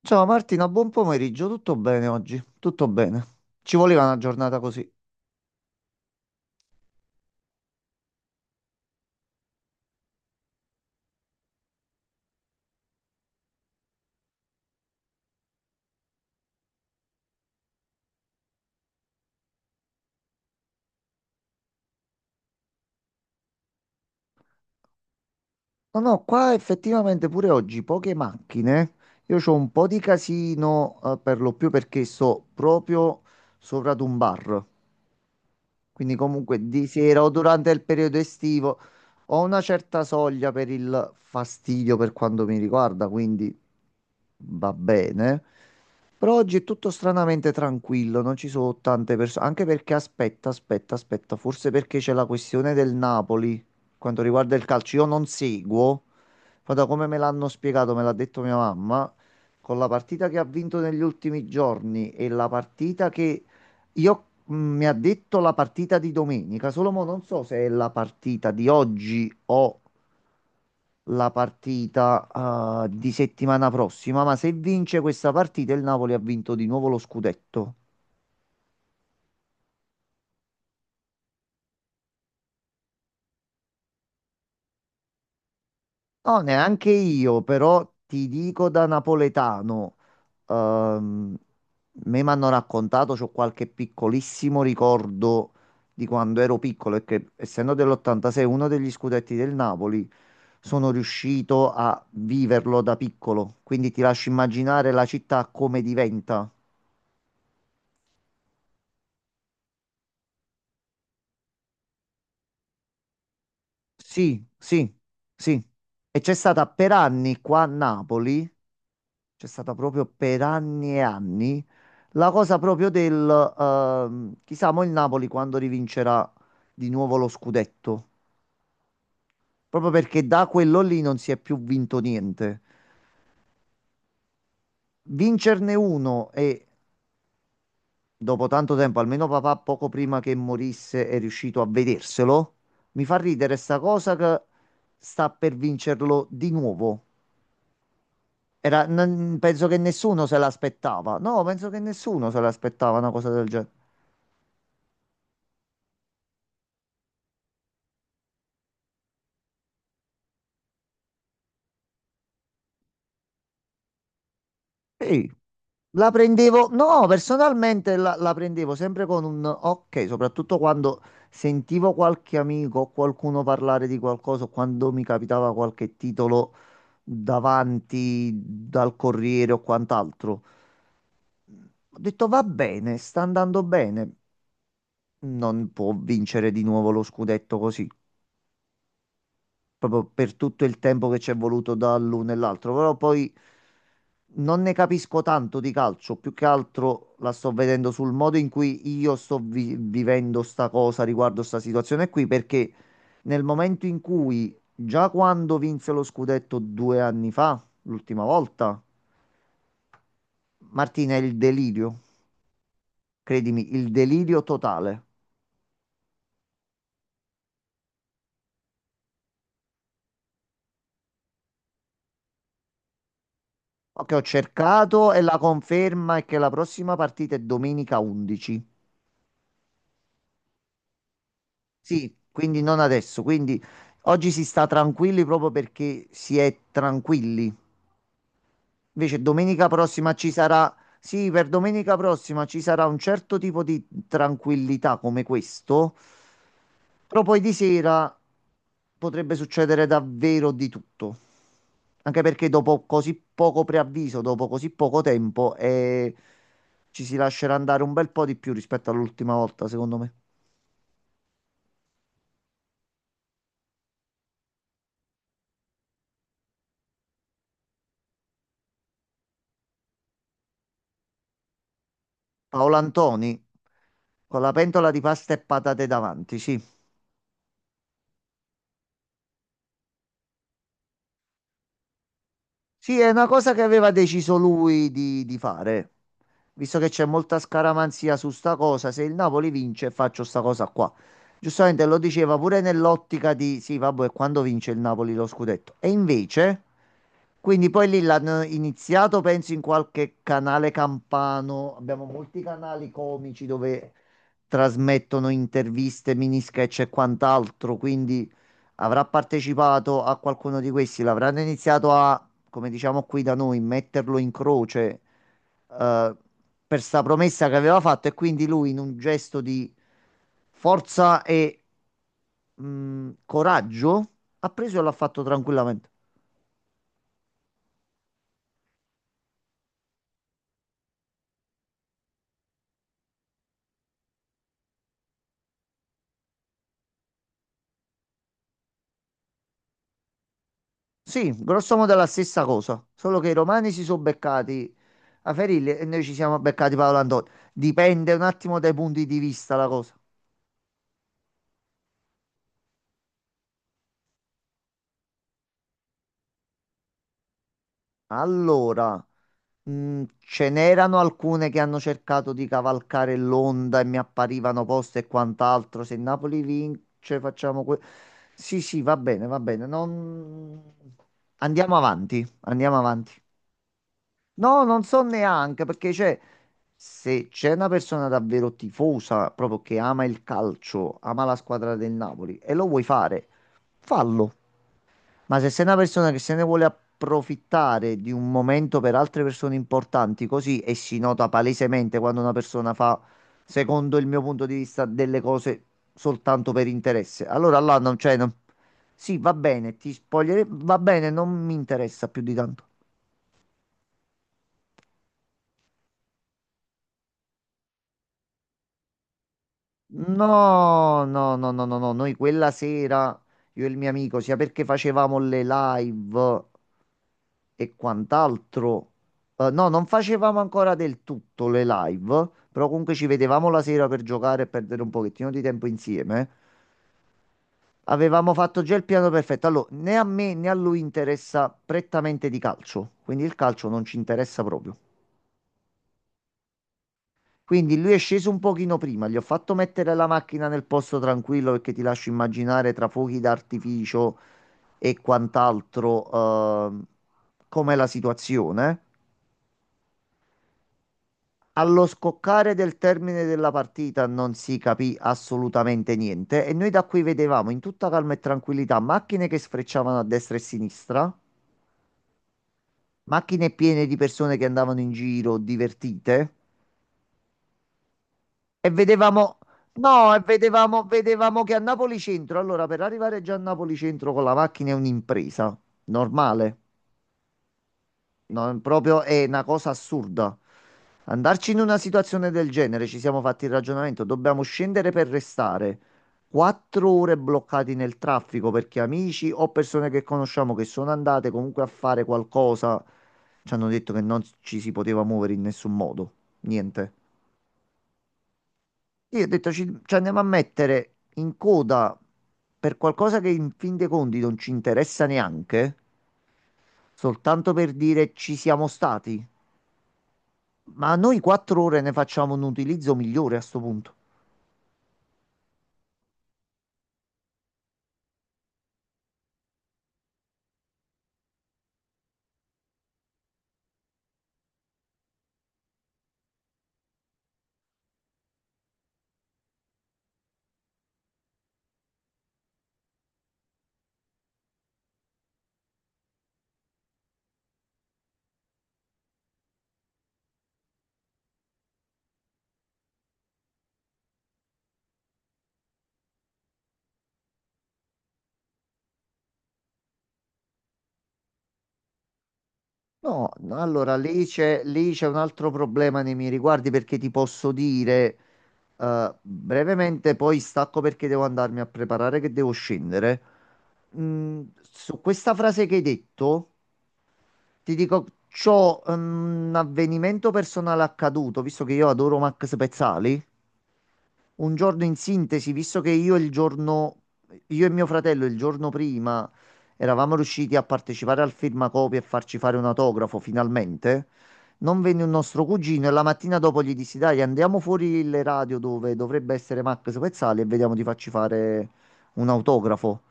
Ciao Martina, buon pomeriggio, tutto bene oggi? Tutto bene. Ci voleva una giornata così. No, no, qua effettivamente pure oggi poche macchine. Io ho un po' di casino, per lo più perché sto proprio sopra ad un bar. Quindi comunque di sera o durante il periodo estivo ho una certa soglia per il fastidio per quanto mi riguarda, quindi va bene. Però oggi è tutto stranamente tranquillo, non ci sono tante persone, anche perché aspetta, aspetta, aspetta, forse perché c'è la questione del Napoli, quanto riguarda il calcio, io non seguo, ma da come me l'hanno spiegato, me l'ha detto mia mamma, con la partita che ha vinto negli ultimi giorni e la partita che io mi ha detto la partita di domenica, solo mo non so se è la partita di oggi o la partita di settimana prossima, ma se vince questa partita il Napoli ha vinto di nuovo lo scudetto. No, neanche io, però ti dico da napoletano, ehm, me mi hanno raccontato, c'ho qualche piccolissimo ricordo di quando ero piccolo e che essendo dell'86 uno degli scudetti del Napoli, sono riuscito a viverlo da piccolo, quindi ti lascio immaginare la città come diventa. Sì, sì, sì. E c'è stata per anni qua a Napoli, c'è stata proprio per anni e anni la cosa proprio del chissà mo il Napoli quando rivincerà di nuovo lo scudetto. Proprio perché da quello lì non si è più vinto niente. Vincerne uno e dopo tanto tempo, almeno papà poco prima che morisse è riuscito a vederselo. Mi fa ridere sta cosa che sta per vincerlo di nuovo. Penso che nessuno se l'aspettava. No, penso che nessuno se l'aspettava una cosa del genere. Sì. La prendevo, no, personalmente la prendevo sempre con un ok, soprattutto quando sentivo qualche amico o qualcuno parlare di qualcosa, o quando mi capitava qualche titolo davanti dal Corriere o quant'altro. Ho detto va bene, sta andando bene, non può vincere di nuovo lo scudetto così, proprio per tutto il tempo che ci è voluto dall'uno e l'altro, però poi non ne capisco tanto di calcio, più che altro la sto vedendo sul modo in cui io sto vivendo sta cosa riguardo sta situazione qui, perché nel momento in cui, già quando vinse lo scudetto 2 anni fa, l'ultima volta, Martina, è il delirio, credimi, il delirio totale. Che ho cercato e la conferma è che la prossima partita è domenica 11. Sì, quindi non adesso. Quindi oggi si sta tranquilli proprio perché si è tranquilli. Invece domenica prossima ci sarà, sì, per domenica prossima ci sarà un certo tipo di tranquillità come questo, però poi di sera potrebbe succedere davvero di tutto. Anche perché dopo così poco preavviso, dopo così poco tempo, ci si lascerà andare un bel po' di più rispetto all'ultima volta, secondo me. Paolo Antoni con la pentola di pasta e patate davanti, sì. Sì, è una cosa che aveva deciso lui di fare. Visto che c'è molta scaramanzia su sta cosa, se il Napoli vince faccio sta cosa qua. Giustamente lo diceva pure nell'ottica di sì, vabbè, quando vince il Napoli lo scudetto. E invece, quindi poi lì l'hanno iniziato, penso, in qualche canale campano. Abbiamo molti canali comici dove trasmettono interviste, mini sketch e quant'altro, quindi avrà partecipato a qualcuno di questi, l'avranno iniziato a, come diciamo qui da noi, metterlo in croce, eh, per sta promessa che aveva fatto e quindi lui in un gesto di forza e coraggio ha preso e l'ha fatto tranquillamente. Sì, grosso modo è la stessa cosa, solo che i romani si sono beccati a Ferilli e noi ci siamo beccati Paolo Antonio. Dipende un attimo dai punti di vista la cosa. Allora, ce n'erano alcune che hanno cercato di cavalcare l'onda e mi apparivano poste e quant'altro. Se il Napoli vince, facciamo sì, sì, va bene, va bene. Non... Andiamo avanti, andiamo avanti. No, non so neanche perché c'è. Se c'è una persona davvero tifosa, proprio che ama il calcio, ama la squadra del Napoli e lo vuoi fare, fallo. Ma se sei una persona che se ne vuole approfittare di un momento per altre persone importanti, così e si nota palesemente quando una persona fa, secondo il mio punto di vista, delle cose soltanto per interesse, allora là non c'è. Sì, va bene, ti spoglierei, va bene, non mi interessa più di tanto. No, no, no, no, no, no, noi quella sera, io e il mio amico, sia perché facevamo le live e quant'altro, no, non facevamo ancora del tutto le live, però comunque ci vedevamo la sera per giocare e perdere un pochettino di tempo insieme. Avevamo fatto già il piano perfetto. Allora, né a me né a lui interessa prettamente di calcio, quindi il calcio non ci interessa proprio. Quindi lui è sceso un pochino prima, gli ho fatto mettere la macchina nel posto tranquillo perché ti lascio immaginare tra fuochi d'artificio e quant'altro ehm, com'è la situazione. Allo scoccare del termine della partita non si capì assolutamente niente e noi da qui vedevamo in tutta calma e tranquillità macchine che sfrecciavano a destra e a sinistra, macchine piene di persone che andavano in giro divertite. E vedevamo, no, e vedevamo, vedevamo che a Napoli Centro, allora per arrivare già a Napoli Centro con la macchina è un'impresa, normale, no, è proprio è una cosa assurda. Andarci in una situazione del genere, ci siamo fatti il ragionamento, dobbiamo scendere per restare 4 ore bloccati nel traffico perché amici o persone che conosciamo che sono andate comunque a fare qualcosa, ci hanno detto che non ci si poteva muovere in nessun modo, niente. Io ho detto ci andiamo a mettere in coda per qualcosa che in fin dei conti non ci interessa neanche, soltanto per dire ci siamo stati. Ma noi 4 ore ne facciamo un utilizzo migliore a sto punto. No, no, allora lì c'è un altro problema nei miei riguardi perché ti posso dire brevemente, poi stacco perché devo andarmi a preparare che devo scendere. Su questa frase che hai detto. Ti dico, c'ho un avvenimento personale accaduto, visto che io adoro Max Pezzali. Un giorno in sintesi, visto che io il giorno, io e mio fratello il giorno prima eravamo riusciti a partecipare al firmacopie e farci fare un autografo finalmente, non venne un nostro cugino e la mattina dopo gli dissi, dai, andiamo fuori le radio dove dovrebbe essere Max Pezzali e vediamo di farci fare un autografo.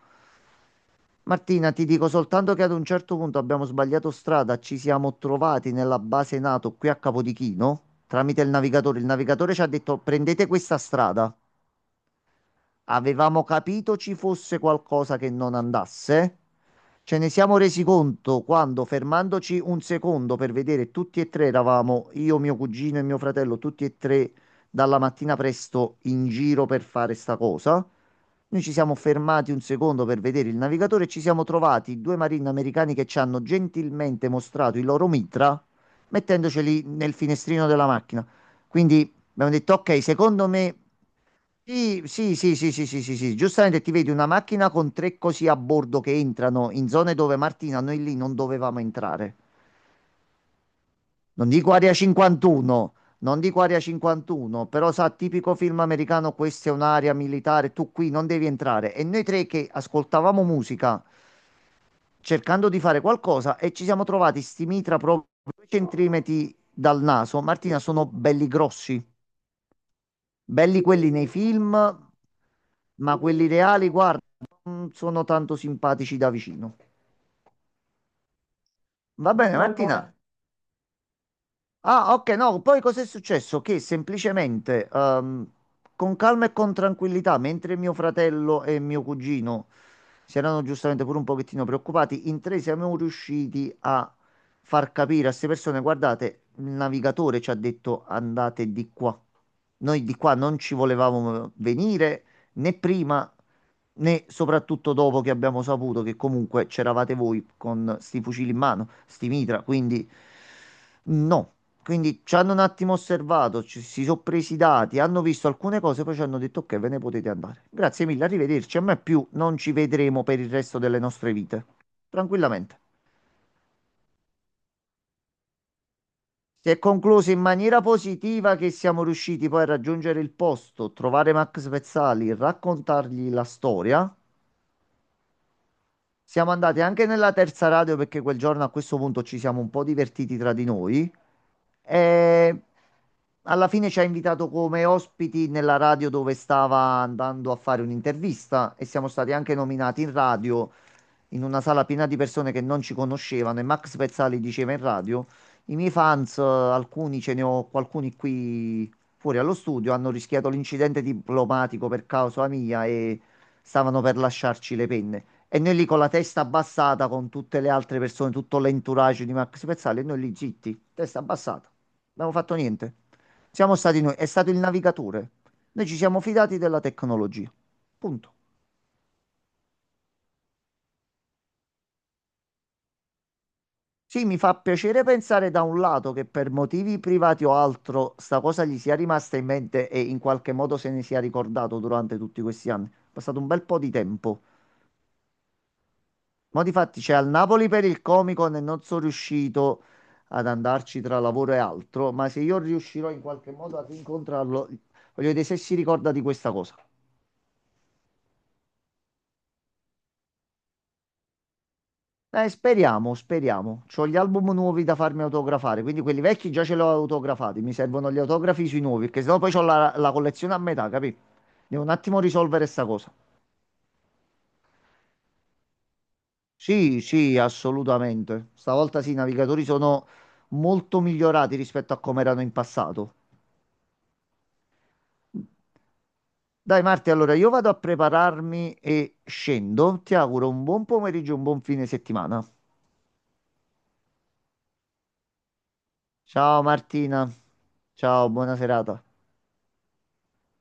Martina, ti dico soltanto che ad un certo punto abbiamo sbagliato strada, ci siamo trovati nella base NATO qui a Capodichino tramite il navigatore. Il navigatore ci ha detto prendete questa strada. Avevamo capito ci fosse qualcosa che non andasse. Ce ne siamo resi conto quando, fermandoci un secondo per vedere, tutti e tre eravamo io, mio cugino e mio fratello, tutti e tre dalla mattina presto in giro per fare sta cosa. Noi ci siamo fermati un secondo per vedere il navigatore e ci siamo trovati due marini americani che ci hanno gentilmente mostrato il loro mitra mettendoceli nel finestrino della macchina. Quindi abbiamo detto, ok, secondo me... Sì, sì, sì, sì, sì, sì, sì, sì. Giustamente ti vedi una macchina con tre così a bordo che entrano in zone dove Martina noi lì non dovevamo entrare. Non dico Area 51, non dico Area 51, però sa, tipico film americano, questa è un'area militare, tu qui non devi entrare. E noi tre che ascoltavamo musica cercando di fare qualcosa e ci siamo trovati sti mitra proprio 2 centimetri dal naso. Martina, sono belli grossi. Belli quelli nei film, ma quelli reali, guarda, non sono tanto simpatici da vicino. Va bene, Martina. Allora, ah, ok, no, poi cos'è successo? Che semplicemente, con calma e con tranquillità, mentre mio fratello e mio cugino si erano giustamente pure un pochettino preoccupati, in tre siamo riusciti a far capire a queste persone, guardate, il navigatore ci ha detto andate di qua. Noi di qua non ci volevamo venire, né prima né soprattutto dopo che abbiamo saputo che comunque c'eravate voi con sti fucili in mano, sti mitra, quindi no. Quindi ci hanno un attimo osservato, si sono presi i dati, hanno visto alcune cose, poi ci hanno detto ok, ve ne potete andare. Grazie mille, arrivederci. A me più non ci vedremo per il resto delle nostre vite. Tranquillamente. Si è concluso in maniera positiva che siamo riusciti poi a raggiungere il posto, trovare Max Pezzali, raccontargli la storia. Siamo andati anche nella terza radio perché quel giorno a questo punto ci siamo un po' divertiti tra di noi e alla fine ci ha invitato come ospiti nella radio dove stava andando a fare un'intervista e siamo stati anche nominati in radio in una sala piena di persone che non ci conoscevano e Max Pezzali diceva in radio, i miei fans, alcuni ce ne ho, alcuni qui fuori allo studio, hanno rischiato l'incidente diplomatico per causa mia e stavano per lasciarci le penne. E noi lì con la testa abbassata, con tutte le altre persone, tutto l'entourage di Max Pezzali, e noi lì zitti, testa abbassata. Non abbiamo fatto niente. Siamo stati noi, è stato il navigatore. Noi ci siamo fidati della tecnologia. Punto. Sì, mi fa piacere pensare da un lato che per motivi privati o altro sta cosa gli sia rimasta in mente e in qualche modo se ne sia ricordato durante tutti questi anni. È passato un bel po' di tempo. Ma di fatti c'è al Napoli per il Comic-Con e non sono riuscito ad andarci tra lavoro e altro, ma se io riuscirò in qualche modo a rincontrarlo, voglio vedere se si ricorda di questa cosa. Speriamo, speriamo. C'ho gli album nuovi da farmi autografare, quindi quelli vecchi già ce li ho autografati. Mi servono gli autografi sui nuovi, perché sennò poi ho la collezione a metà, capì? Devo un attimo risolvere sta cosa. Sì, sì, assolutamente. Stavolta sì, i navigatori sono molto migliorati rispetto a come erano in passato. Dai Marti, allora io vado a prepararmi e scendo. Ti auguro un buon pomeriggio e un buon fine settimana. Ciao Martina. Ciao, buona serata.